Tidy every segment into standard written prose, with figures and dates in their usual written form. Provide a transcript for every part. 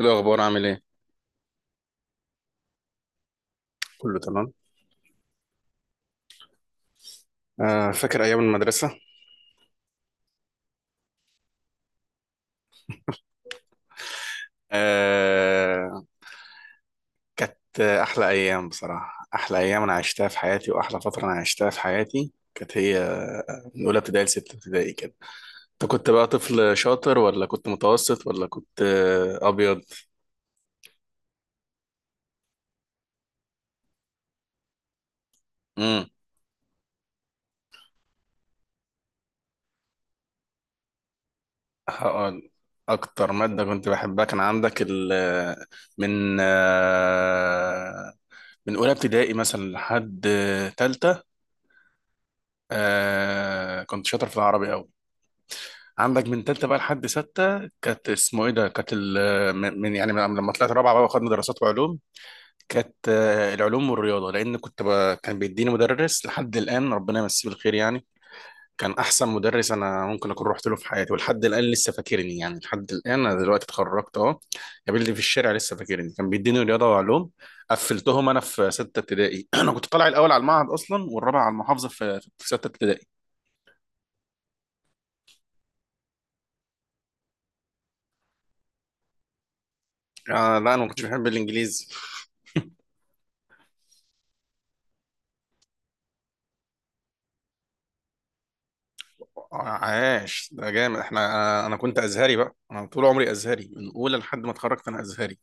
إيه الأخبار؟ عامل إيه؟ كله تمام. فاكر أيام المدرسة. آه كانت أحلى أيام بصراحة. أحلى أيام أنا عشتها في حياتي وأحلى فترة أنا عشتها في حياتي كانت هي، من أولى ابتدائي لستة ابتدائي كده. أنت كنت بقى طفل شاطر ولا كنت متوسط ولا كنت أبيض؟ امم هقول، أكتر مادة كنت بحبها كان عندك ال، من آه من أولى ابتدائي مثلا لحد تالتة. كنت شاطر في العربي أوي. عندك من تالتة بقى لحد ستة، كانت اسمه ايه ده، كانت يعني من لما طلعت رابعة بقى واخدنا دراسات وعلوم، كانت العلوم والرياضة، لأن كان بيديني مدرس لحد الآن ربنا يمسيه بالخير يعني. كان أحسن مدرس أنا ممكن أكون رحت له في حياتي، ولحد الآن لسه فاكرني، يعني لحد الآن أنا دلوقتي اتخرجت أهو، قابلني في الشارع لسه فاكرني. كان بيديني رياضة وعلوم، قفلتهم أنا في ستة ابتدائي. أنا كنت طالع الأول على المعهد أصلا والرابع على المحافظة في ستة ابتدائي. آه لا أنا ما كنتش بحب الإنجليزي. عاش، ده جامد. احنا انا أنا كنت ازهري بقى، انا طول عمري ازهري، من اولى لحد ما اتخرجت انا ازهري،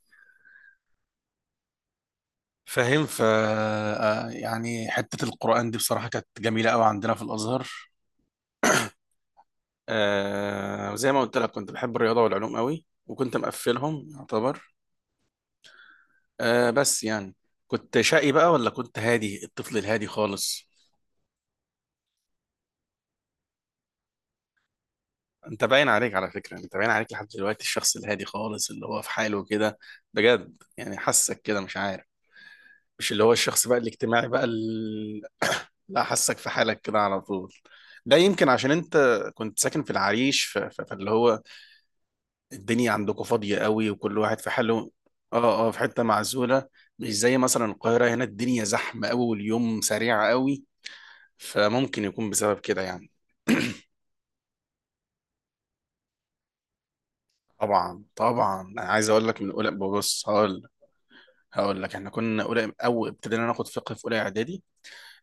فاهم. ف آه، يعني حته القران دي بصراحه كانت جميله قوي عندنا في الازهر. آه زي ما قلت لك كنت بحب الرياضه والعلوم قوي وكنت مقفلهم يعتبر. آه بس يعني كنت شقي بقى ولا كنت هادي، الطفل الهادي خالص؟ انت باين عليك، على فكره انت باين عليك لحد دلوقتي الشخص الهادي خالص اللي هو في حاله كده، بجد يعني، حاسك كده مش عارف، مش اللي هو الشخص بقى الاجتماعي بقى اللي، حاسك في حالك كده على طول. ده يمكن عشان انت كنت ساكن في العريش، فاللي هو الدنيا عندكم فاضية قوي وكل واحد في حاله. اه اه في حتة معزولة، مش زي مثلا القاهرة هنا الدنيا زحمة قوي واليوم سريع قوي، فممكن يكون بسبب كده يعني. طبعا طبعا، انا عايز اقول لك، من اولى ببص، هقول لك، احنا كنا اولى، اول ابتدينا ناخد فقه في اولى اعدادي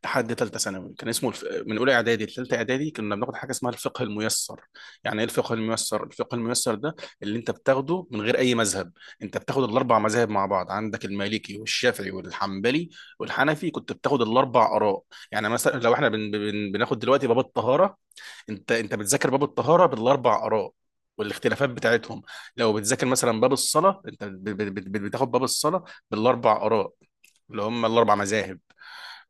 لحد ثالثه ثانوي، كان من اولى اعدادي لثالثه اعدادي كنا بناخد حاجه اسمها الفقه الميسر. يعني ايه الفقه الميسر؟ الفقه الميسر ده اللي انت بتاخده من غير اي مذهب، انت بتاخد الاربع مذاهب مع بعض، عندك المالكي والشافعي والحنبلي والحنفي، كنت بتاخد الاربع اراء. يعني مثلا لو احنا بناخد دلوقتي باب الطهاره، انت بتذاكر باب الطهاره بالاربع اراء والاختلافات بتاعتهم. لو بتذاكر مثلا باب الصلاه، انت بت- بت- بت- بتاخد باب الصلاه بالاربع اراء اللي هم الاربع مذاهب.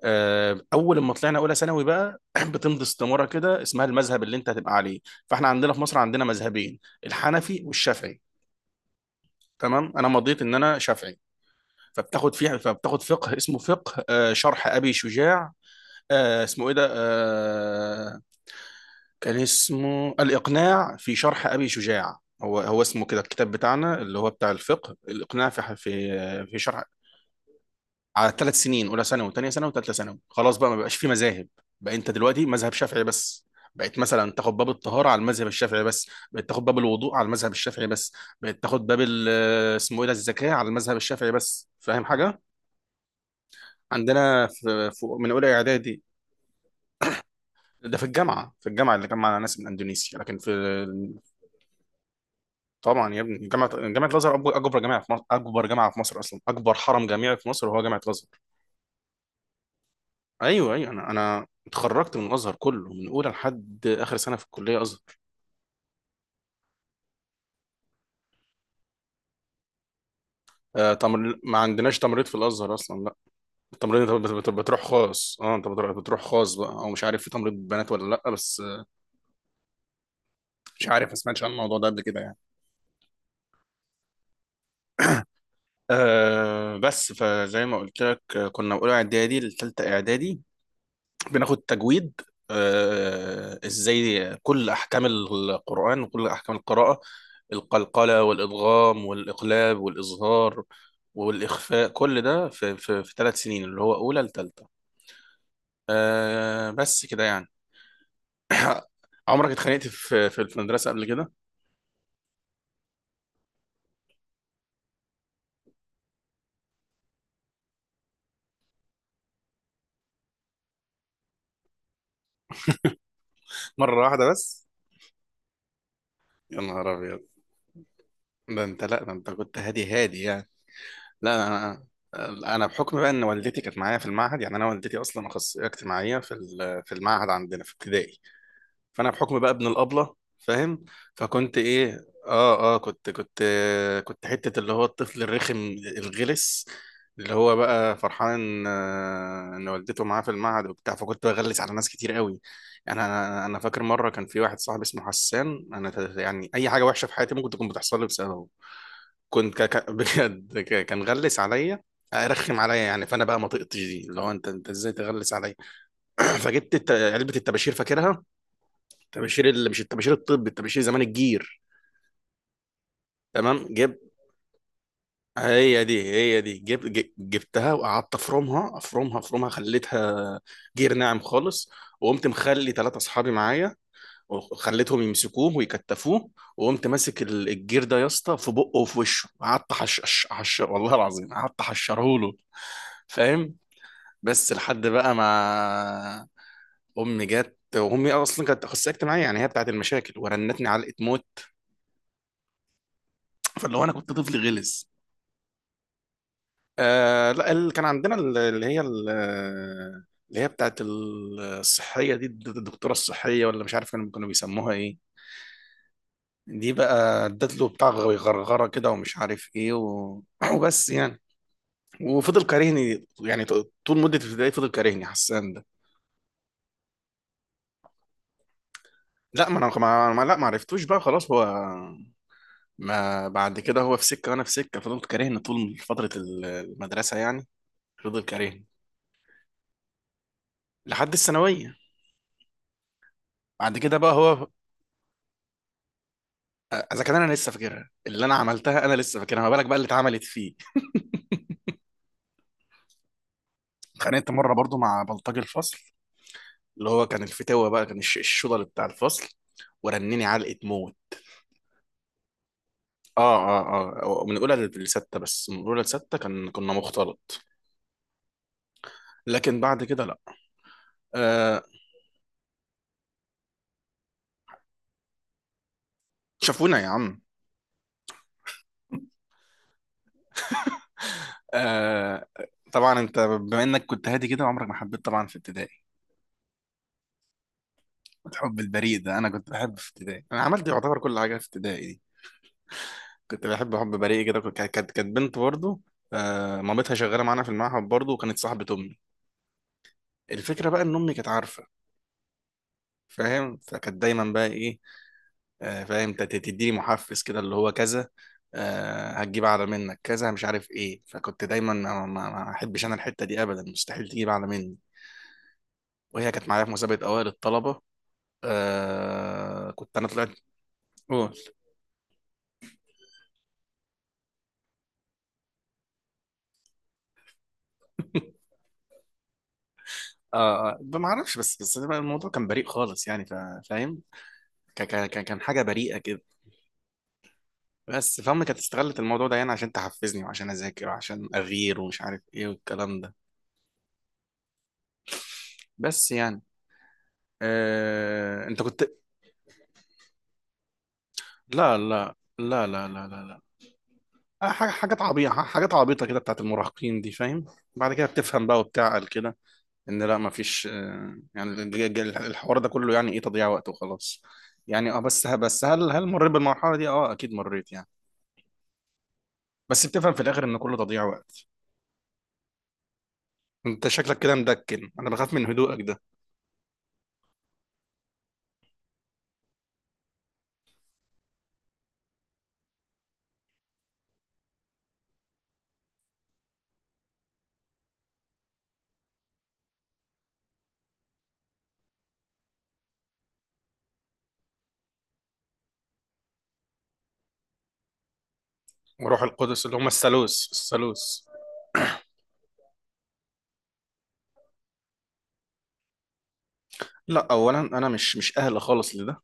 آه، اول ما طلعنا اولى ثانوي بقى بتمضي استماره كده اسمها المذهب اللي انت هتبقى عليه. فاحنا عندنا في مصر عندنا مذهبين، الحنفي والشافعي. تمام، انا مضيت ان انا شافعي. فبتاخد فقه اسمه فقه شرح ابي شجاع. آه، اسمه ايه ده آه، كان اسمه الإقناع في شرح أبي شجاع. هو اسمه كده الكتاب بتاعنا اللي هو بتاع الفقه، الإقناع في شرح. على ثلاث سنين، اولى ثانوي وثانيه ثانوي وثالثه ثانوي. خلاص بقى ما بقاش في مذاهب، بقى انت دلوقتي مذهب شافعي بس. بقيت مثلا تاخد باب الطهاره على المذهب الشافعي بس، بقيت تاخد باب الوضوء على المذهب الشافعي بس، بقيت تاخد باب ال- اسمه ايه ده الزكاه على المذهب الشافعي بس. فاهم حاجه؟ عندنا من اولى اعدادي. ده في الجامعه، في الجامعه اللي جمع ناس من اندونيسيا، لكن في. طبعا يا ابني جامعه، الازهر اكبر، أكبر جامعه في مصر، اكبر جامعه في مصر اصلا، اكبر حرم جامعي في مصر هو جامعه الازهر. ايوه ايوه، انا اتخرجت من الازهر كله، من اولى لحد اخر سنه في الكليه ازهر. ما عندناش تمريض في الازهر اصلا، لا. التمريض انت بتروح خاص، اه انت بتروح خاص بقى، او مش عارف في تمريض بنات ولا لا بس مش عارف، ما سمعتش عن الموضوع ده قبل كده يعني. آه بس، فزي ما قلت لك كنا من اولى اعدادي لثالثه اعدادي بناخد تجويد. آه، ازاي، كل احكام القرآن وكل احكام القراءة، القلقلة والادغام والاقلاب والاظهار والاخفاء، كل ده في ثلاث سنين اللي هو اولى لثالثة. آه بس كده يعني. عمرك اتخانقت في المدرسة قبل كده؟ مرة واحدة بس؟ يا نهار ابيض، ده انت، لا ده انت كنت هادي هادي يعني. لا انا، بحكم بقى ان والدتي كانت معايا في المعهد، يعني انا والدتي اصلا اخصائيه اجتماعيه في المعهد عندنا في ابتدائي. فانا بحكم بقى ابن الابله، فاهم. فكنت ايه، اه اه كنت حته اللي هو الطفل الرخم الغلس، اللي هو بقى فرحان ان والدته معاه في المعهد وبتاع، فكنت بغلس على ناس كتير قوي. يعني انا فاكر مره كان في واحد صاحبي اسمه حسان، يعني اي حاجه وحشه في حياتي ممكن تكون بتحصل لي بسببه. كنت بجد كان غلس عليا، ارخم عليا يعني، فانا بقى ما طقتش دي، اللي هو انت ازاي تغلس عليا. فجبت علبه الطباشير، فاكرها، الطباشير اللي مش الطباشير الطبي، الطباشير زمان الجير، تمام، جيب، هي دي، هي دي. جيب، جبتها وقعدت افرمها افرمها افرمها، خليتها جير ناعم خالص. وقمت مخلي ثلاثة اصحابي معايا وخليتهم يمسكوه ويكتفوه، وقمت ماسك الجير ده يا اسطى في بقه وفي وشه، قعدت حش حش حش، والله العظيم قعدت حشره له. فاهم. بس لحد بقى ما امي جت، وامي اصلا كانت اخصائيه اجتماعيه يعني هي بتاعت المشاكل، ورنتني علقه موت. فلو انا كنت طفل غلس. آه لا كان عندنا اللي هي بتاعت الصحيه دي، الدكتوره الصحيه، ولا مش عارف كانوا، كانوا بيسموها ايه. دي بقى ادت له بتاع غرغره كده ومش عارف ايه وبس يعني. وفضل كارهني يعني طول مده الابتدائي فضل كارهني حسان ده. لا ما انا لا ما عرفتوش بقى خلاص هو. ما بعد كده هو في سكه وانا في سكه، فضلت كارهني طول فتره المدرسه يعني، فضل كارهني لحد الثانويه. بعد كده بقى هو. اذا كان انا لسه فاكرها اللي انا عملتها، انا لسه فاكرها، ما بالك بقى اللي اتعملت فيه. اتخانقت مره برضو مع بلطجي الفصل، اللي هو كان الفتاوه بقى، كان الشغل بتاع الفصل، ورنني علقه موت. اه اه اه، من اولى لسته بس، من اولى لسته كان كنا مختلط، لكن بعد كده لا. آه. شافونا يا عم. آه. طبعا انت بما انك كنت هادي كده عمرك ما حبيت. طبعا في ابتدائي الحب البريء ده، انا كنت بحب في ابتدائي، انا عملت يعتبر كل حاجه في ابتدائي دي. كنت بحب حب بريء كده. كانت بنت برضه، آه مامتها شغاله معانا في المعهد برضه وكانت صاحبه امي. الفكره بقى ان امي كانت عارفه، فاهم. فكانت دايما بقى ايه، آه فاهم تديني محفز كده اللي هو كذا، آه هتجيب اعلى منك كذا مش عارف ايه، فكنت دايما ما احبش انا الحته دي ابدا، مستحيل تجيب اعلى مني. وهي كانت معايا في مسابقه اوائل الطلبه. آه كنت انا طلعت. قول. اه ما اعرفش، بس بس الموضوع كان بريء خالص يعني، فا- فاهم. كان كان كان حاجه بريئه كده. بس فامي كانت استغلت الموضوع ده يعني عشان تحفزني وعشان اذاكر وعشان اغير ومش عارف ايه والكلام ده. بس يعني. انت كنت. لا. حاجات عبيطة، حاجات عبيطة كده بتاعت المراهقين دي، فاهم. بعد كده بتفهم بقى وبتعقل كده، ان لا مفيش. يعني الحوار ده كله يعني ايه، تضييع وقت وخلاص. يعني اه بس، هل مريت بالمرحلة دي؟ اه اكيد مريت يعني، بس بتفهم في الاخر ان كله تضييع وقت. انت شكلك كده مدكن، انا بخاف من هدوءك. وروح القدس، اللي هم الثالوث، الثالوث. لا اولا، انا مش اهل خالص لده.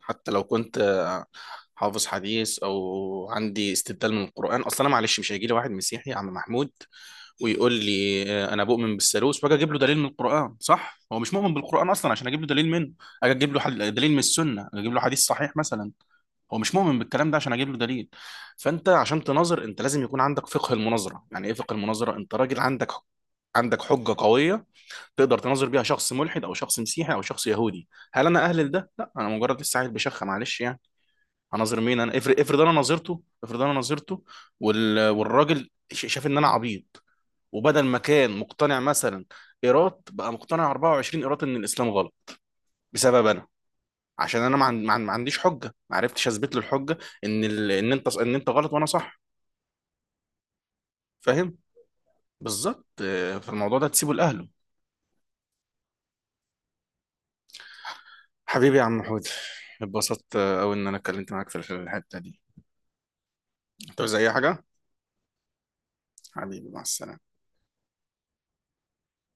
حتى لو كنت حافظ حديث او عندي استدلال من القران، اصلا انا معلش، مش هيجي لي واحد مسيحي يا عم محمود ويقول لي انا بؤمن بالثالوث واجي اجيب له دليل من القران، صح؟ هو مش مؤمن بالقران اصلا عشان اجيب له دليل منه. اجي اجيب له دليل من السنه، اجي اجيب له حديث صحيح مثلا، هو مش مؤمن بالكلام ده عشان اجيب له دليل. فانت عشان تناظر انت لازم يكون عندك فقه المناظره. يعني ايه فقه المناظره؟ انت راجل عندك حجه قويه تقدر تناظر بيها شخص ملحد او شخص مسيحي او شخص يهودي. هل انا اهل لده؟ لا، انا مجرد لسه عيل بشخه معلش يعني. هناظر مين؟ انا افرض، انا ناظرته، والراجل شاف ان انا عبيط، وبدل ما كان مقتنع مثلا ايراد، بقى مقتنع 24 ايراد ان الاسلام غلط بسبب انا، عشان انا ما عنديش حجه، ما عرفتش اثبت له الحجه ان انت، ان انت غلط وانا صح، فاهم. بالظبط. فالموضوع ده تسيبه لاهله. حبيبي يا عم حود، اتبسطت قوي ان انا اتكلمت معاك في الحته دي. انت زي حاجة. حبيبي، مع السلامة.